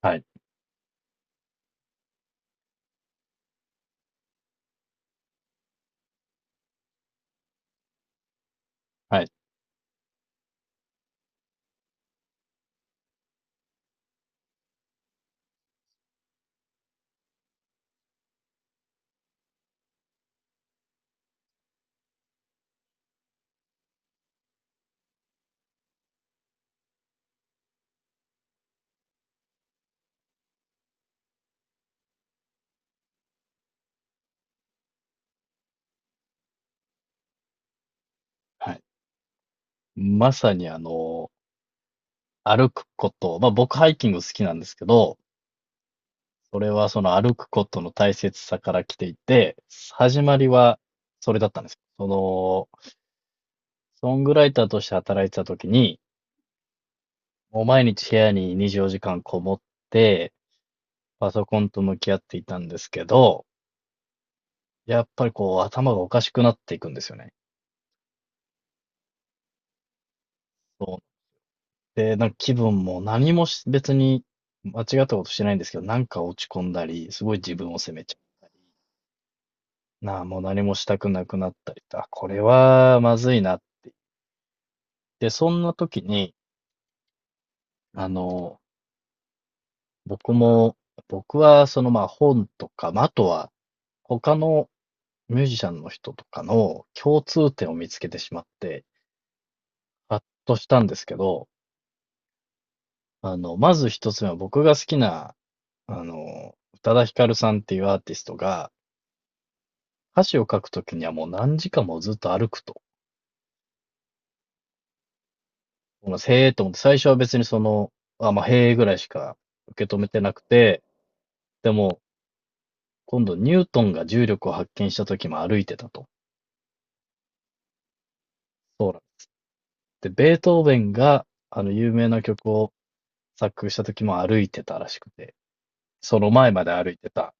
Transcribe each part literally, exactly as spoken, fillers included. はい、はい、はい。まさにあの、歩くこと、まあ僕ハイキング好きなんですけど、それはその歩くことの大切さから来ていて、始まりはそれだったんですよ。その、ソングライターとして働いてた時に、もう毎日部屋ににじゅうよじかんこもって、パソコンと向き合っていたんですけど、やっぱりこう頭がおかしくなっていくんですよね。そう。で、なんか気分も何もし別に間違ったことしてないんですけど、なんか落ち込んだり、すごい自分を責めちゃう。なあ、もう何もしたくなくなったりと、あ、これはまずいなって、そんな時に、あの、僕も、僕はそのまあ本とか、まあ、あとは他のミュージシャンの人とかの共通点を見つけてしまって、ハッとしたんですけど、あの、まず一つ目は僕が好きな、あの、宇多田ヒカルさんっていうアーティストが、歌詞を書くときにはもう何時間もずっと歩くと。このへえと思って、最初は別にその、あ、まあ、へえぐらいしか受け止めてなくて、でも、今度ニュートンが重力を発見した時も歩いてたと。そうなんです。で、ベートーベンが、あの、有名な曲を作曲した時も歩いてたらしくて、その前まで歩いてた。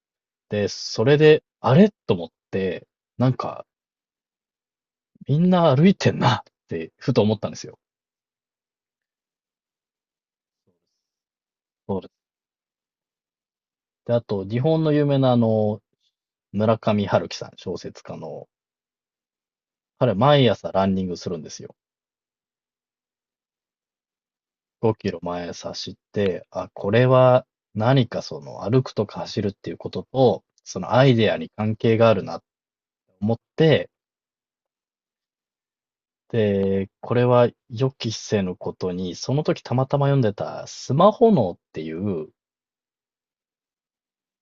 で、それで、あれと思って、なんか、みんな歩いてんなって、ふと思ったんですよ。そうです。で、あと、日本の有名なあの、村上春樹さん、小説家の、彼毎朝ランニングするんですよ。ごキロまえ差して、あ、これは何かその歩くとか走るっていうことと、そのアイデアに関係があるなって思って、で、これは予期せぬことに、その時たまたま読んでたスマホ脳っていう、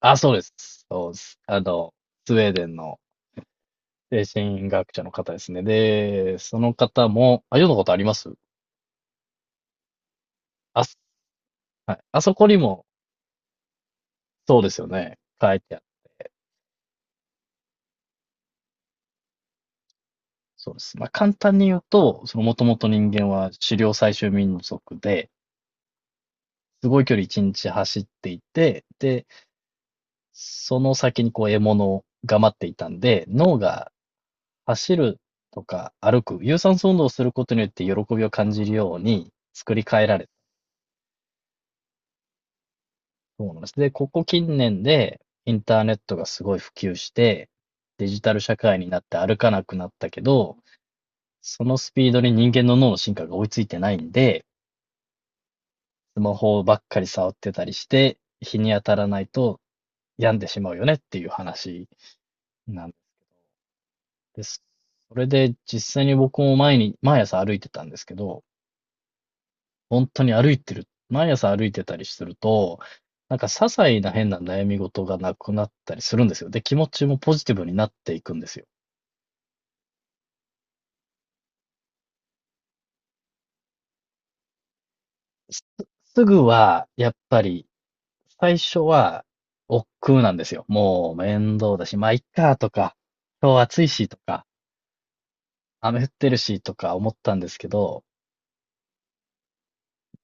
あ、そうです。そうです。あの、スウェーデンの精神学者の方ですね。で、その方も、あ、読んだことあります？あ、はい。あそこにも、そうですよね。書いてある。そうです。まあ、簡単に言うと、そのもともと人間は狩猟採集民族で、すごい距離一日走っていて、で、その先にこう獲物が待っていたんで、脳が走るとか歩く、有酸素運動をすることによって喜びを感じるように作り変えられたと思うんです。で、ここ近年でインターネットがすごい普及して、デジタル社会になって歩かなくなったけど、そのスピードに人間の脳の進化が追いついてないんで、スマホばっかり触ってたりして、日に当たらないと病んでしまうよねっていう話なんです。それで実際に僕も前に、毎朝歩いてたんですけど、本当に歩いてる、毎朝歩いてたりすると、なんか些細な変な悩み事がなくなったりするんですよ。で、気持ちもポジティブになっていくんですよ。すぐは、やっぱり、最初は、億劫なんですよ。もう面倒だし、まあ、いっかとか、今日暑いしとか、雨降ってるしとか思ったんですけど、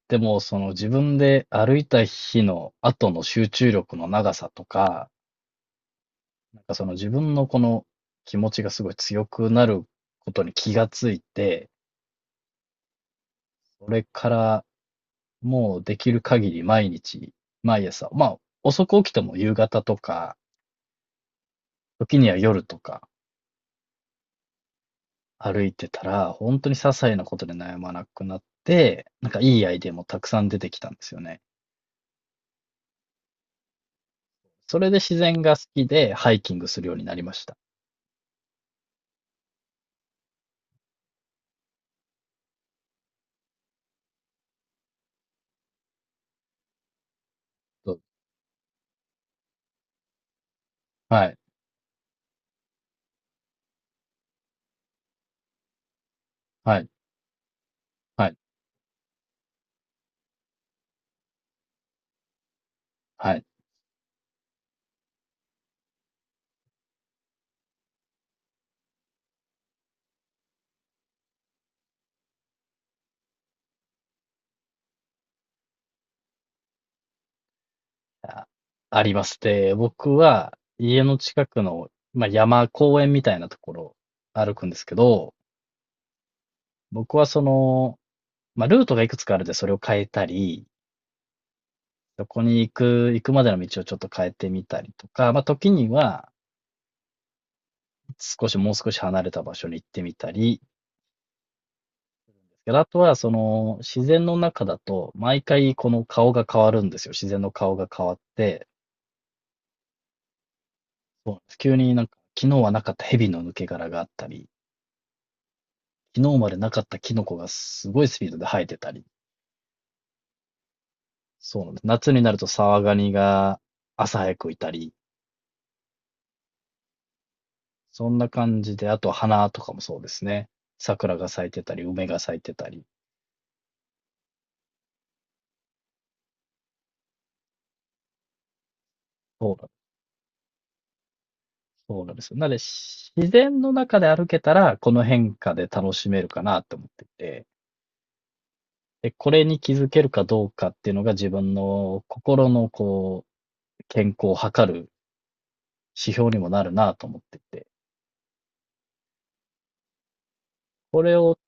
でもその自分で歩いた日の後の集中力の長さとか、なんかその自分のこの気持ちがすごい強くなることに気がついて、それからもうできる限り毎日、毎朝、まあ遅く起きても夕方とか、時には夜とか歩いてたら、本当に些細なことで悩まなくなって、なんかいいアイデアもたくさん出てきたんですよね。それで自然が好きでハイキングするようになりました。と、はい、はい、はい、はい。あ、あります。で、僕は家の近くの、まあ、山、公園みたいなところを歩くんですけど、僕はその、まあ、ルートがいくつかあるんでそれを変えたり、そこに行く、行くまでの道をちょっと変えてみたりとか、まあ、時には少し、もう少し離れた場所に行ってみたり、であとはその自然の中だと毎回この顔が変わるんですよ。自然の顔が変わって、そうなんです。急になんか、昨日はなかった蛇の抜け殻があったり、昨日までなかったキノコがすごいスピードで生えてたり、そうなんです。夏になるとサワガニが朝早くいたり、そんな感じで、あと花とかもそうですね。桜が咲いてたり、梅が咲いてたり。そうなんそうなんですよ。なので、し自然の中で歩けたら、この変化で楽しめるかなと思っていて、で、これに気づけるかどうかっていうのが自分の心のこう、健康を測る指標にもなるなと思っていて。これを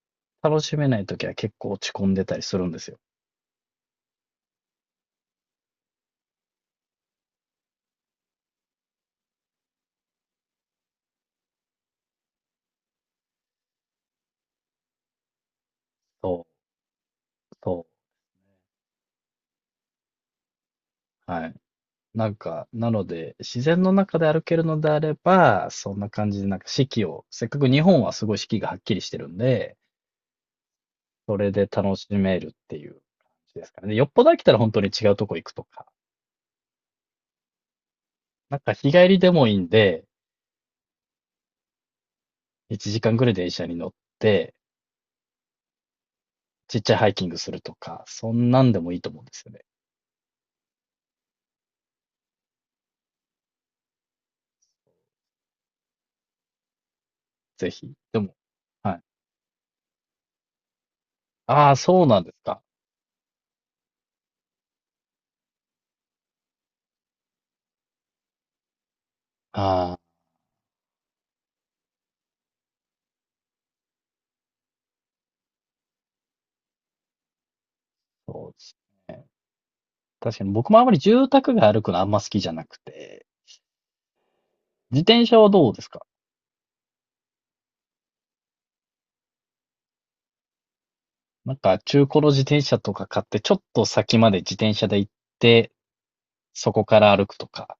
楽しめないときは結構落ち込んでたりするんですよ。そう、そう。はい。なんか、なので、自然の中で歩けるのであれば、そんな感じで、なんか四季を、せっかく日本はすごい四季がはっきりしてるんで、それで楽しめるっていう感じですかね。でよっぽど飽きたら本当に違うとこ行くとか。なんか日帰りでもいいんで、いちじかんぐらい電車に乗って、ちっちゃいハイキングするとか、そんなんでもいいと思うんですよね。ぜひ。でも、はい。ああ、そうなんですか。ああ。そうですね。確かに僕もあまり住宅街歩くのあんま好きじゃなくて、自転車はどうですか？なんか中古の自転車とか買って、ちょっと先まで自転車で行って、そこから歩くとか。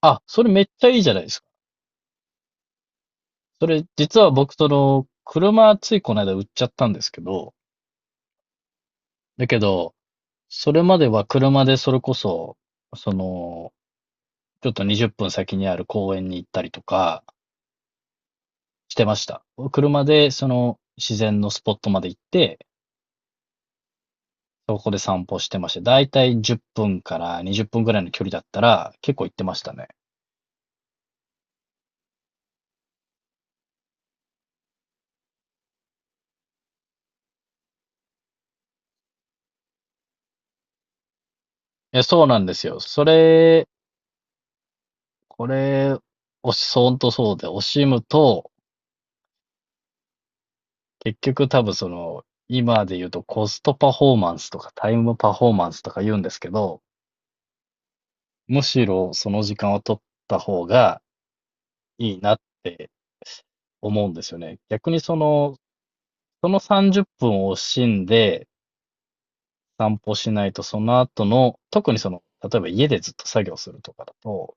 あ、それめっちゃいいじゃないですか。それ実は僕その、車ついこの間売っちゃったんですけど、だけど、それまでは車でそれこそ、その、ちょっとにじゅっぷん先にある公園に行ったりとかしてました。車でその自然のスポットまで行って、そこで散歩してました。だいたいじゅっぷんからにじゅっぷんぐらいの距離だったら結構行ってましたね。いや、そうなんですよ。それ、これ、おし、ほんとそうで、惜しむと、結局多分その、今で言うとコストパフォーマンスとかタイムパフォーマンスとか言うんですけど、むしろその時間を取った方がいいなって思うんですよね。逆にその、その、さんじゅっぷんを惜しんで、散歩しないと、その後の、特にその、例えば家でずっと作業するとかだと、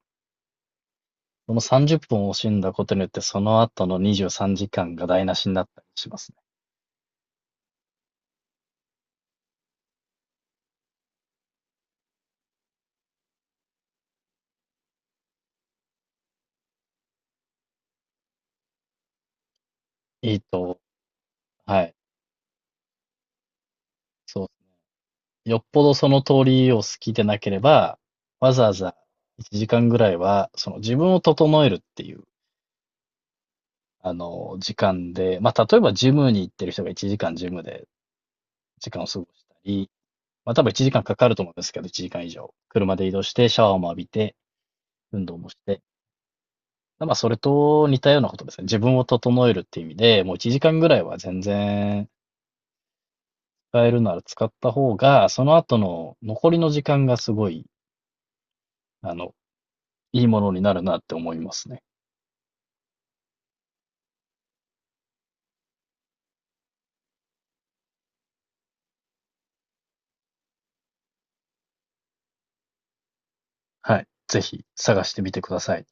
そのさんじゅっぷんを惜しんだことによって、その後のにじゅうさんじかんが台無しになったりしますね。いいとはい、そうですね。よっぽどその通りを好きでなければ、わざわざいちじかんぐらいは、その自分を整えるっていう、あの、時間で、まあ、例えばジムに行ってる人がいちじかんジムで時間を過ごしたり、まあ、多分いちじかんかんかかると思うんですけど、いちじかん以上。車で移動して、シャワーも浴びて、運動もして。まあ、それと似たようなことですね。自分を整えるっていう意味で、もういちじかんぐらいは全然使えるなら使った方が、その後の残りの時間がすごい、あの、いいものになるなって思いますね。はい。ぜひ探してみてください。